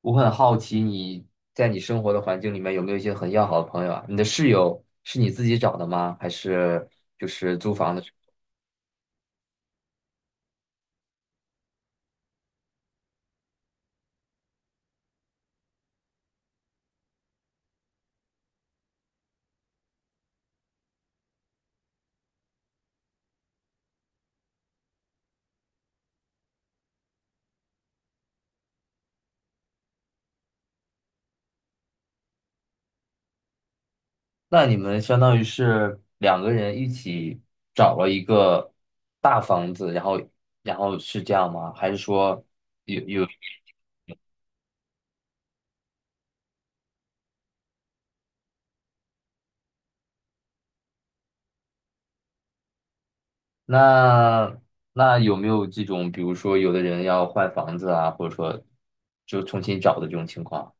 我很好奇你在你生活的环境里面有没有一些很要好的朋友啊？你的室友是你自己找的吗？还是就是租房的时候。那你们相当于是两个人一起找了一个大房子，然后是这样吗？还是说那那有没有这种，比如说有的人要换房子啊，或者说就重新找的这种情况？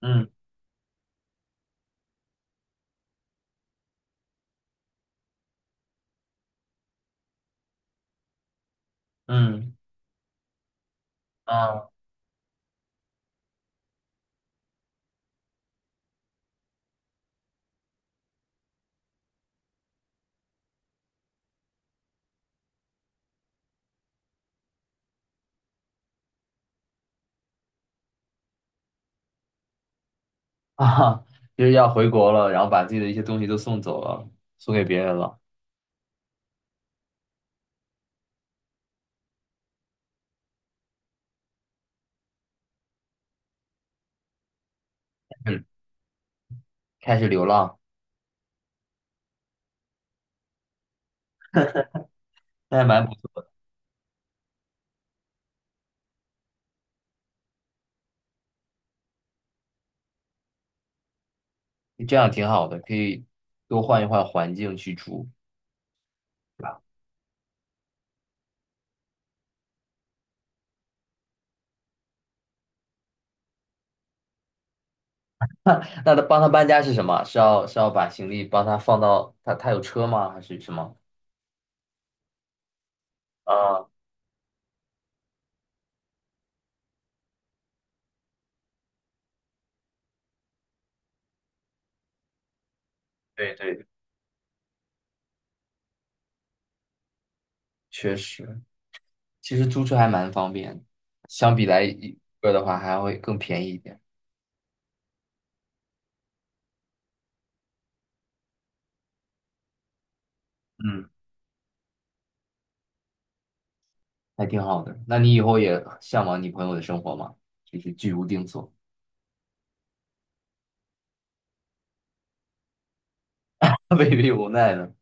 嗯嗯。啊。啊，就是要回国了，然后把自己的一些东西都送走了，送给别人了。嗯，开始流浪。那还蛮不错的，这样挺好的，可以多换一换环境去住，对吧？那他帮他搬家是什么？是要把行李帮他放到他。他有车吗？还是什么？啊，对对，确实。其实租车还蛮方便的，相比来一个的话还会更便宜一点。嗯，还挺好的。那你以后也向往你朋友的生活吗？就是居无定所。被逼无奈的。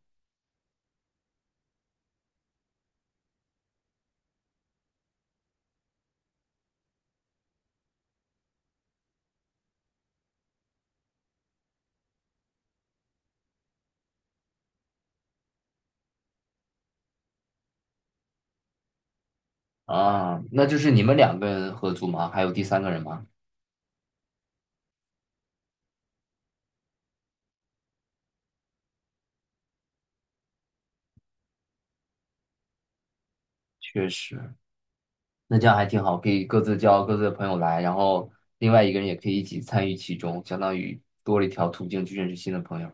啊，那就是你们两个人合租吗？还有第三个人吗？确实。那这样还挺好，可以各自叫各自的朋友来，然后另外一个人也可以一起参与其中，相当于多了一条途径去认识新的朋友。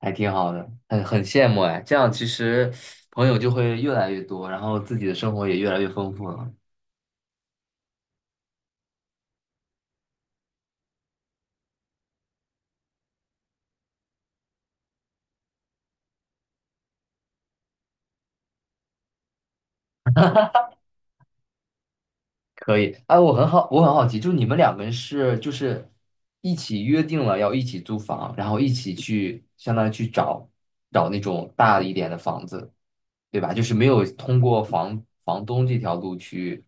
还挺好的，很羡慕哎。这样其实朋友就会越来越多，然后自己的生活也越来越丰富了。可以，哎，我很好奇，就是你们两个人就是一起约定了要一起租房，然后一起去相当于去找那种大一点的房子，对吧？就是没有通过房东这条路去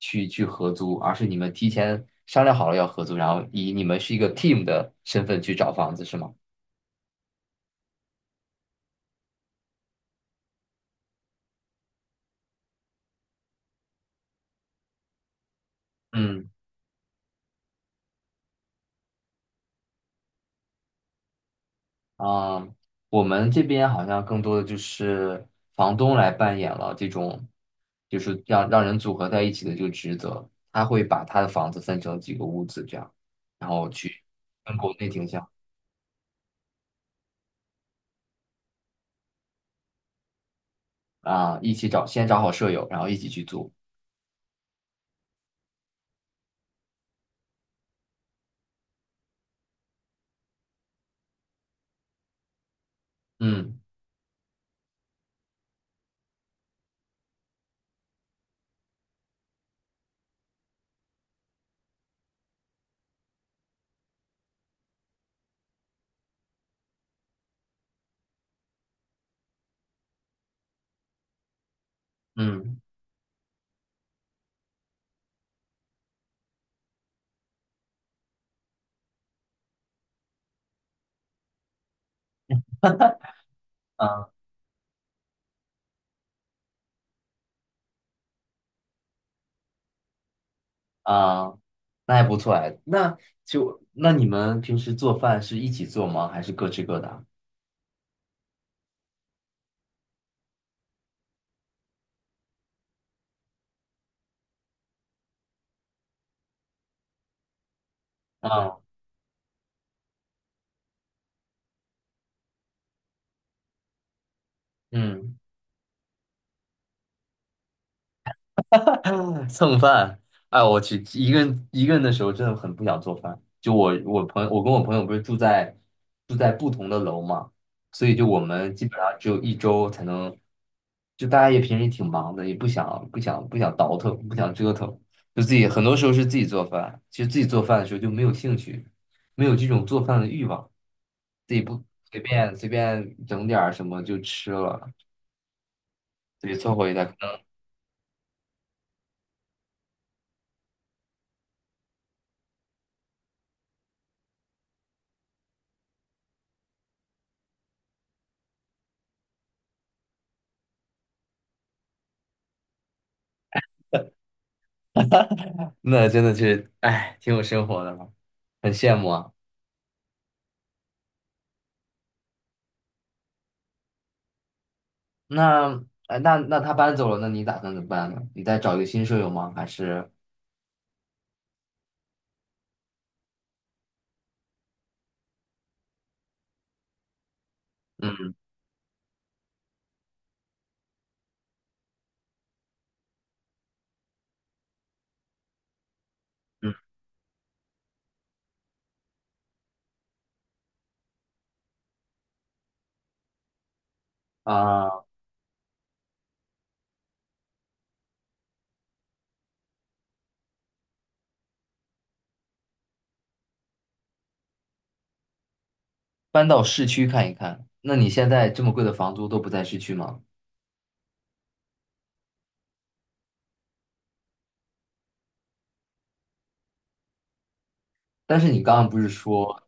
去去合租，而是你们提前商量好了要合租，然后以你们是一个 team 的身份去找房子，是吗？嗯。嗯，我们这边好像更多的就是房东来扮演了这种，就是让人组合在一起的这个职责。他会把他的房子分成几个屋子这样，然后跟国内挺像。啊，一起找，先找好舍友，然后一起去租。嗯嗯啊啊。那还不错哎。那你们平时做饭是一起做吗？还是各吃各的啊？啊嗯。蹭饭。哎，我去，一个人的时候真的很不想做饭。就我朋友，我跟我朋友不是住在不同的楼嘛，所以就我们基本上只有一周才能。就大家也平时也挺忙的，也不想倒腾，不想折腾，就自己很多时候是自己做饭。其实自己做饭的时候就没有兴趣，没有这种做饭的欲望，自己不随便随便整点儿什么就吃了，自己凑合一下。那真的是，哎，挺有生活的了，很羡慕啊。那，哎，那他搬走了，那你打算怎么办呢？你再找一个新舍友吗？还是。嗯嗯啊，搬到市区看一看？那你现在这么贵的房租都不在市区吗？但是你刚刚不是说。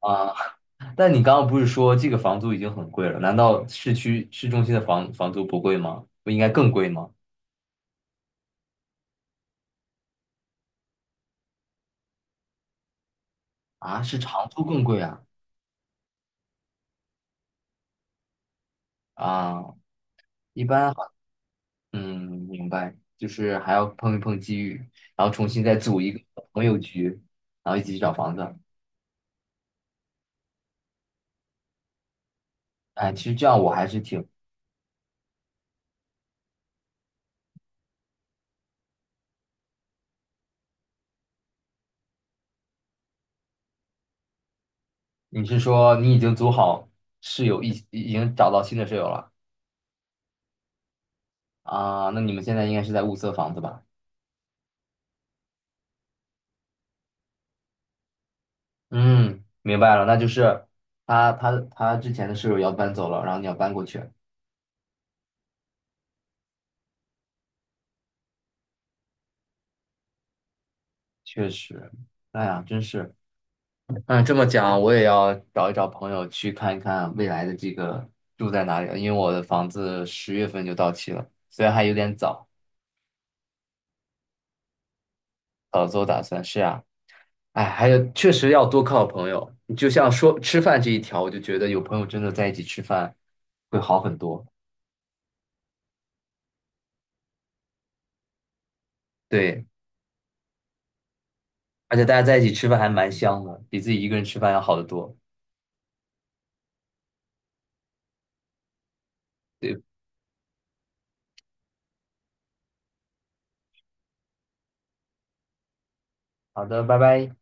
啊。但你刚刚不是说这个房租已经很贵了？难道市区市中心的房租不贵吗？不应该更贵吗？啊，是长租更贵啊。啊，一般。嗯，明白，就是还要碰一碰机遇，然后重新再组一个朋友局，然后一起去找房子。哎，其实这样我还是挺……你是说你已经组好室友，已经找到新的室友了啊？那你们现在应该是在物色房子吧？嗯，明白了，那就是他之前的室友要搬走了，然后你要搬过去。确实，哎呀，真是。嗯，这么讲，我也要找一找朋友去看一看未来的这个住在哪里了，因为我的房子10月份就到期了，虽然还有点早。早做打算。是啊，哎，还有确实要多靠朋友，你就像说吃饭这一条，我就觉得有朋友真的在一起吃饭会好很多。对，而且大家在一起吃饭还蛮香的，比自己一个人吃饭要好得多。对，好的，拜拜。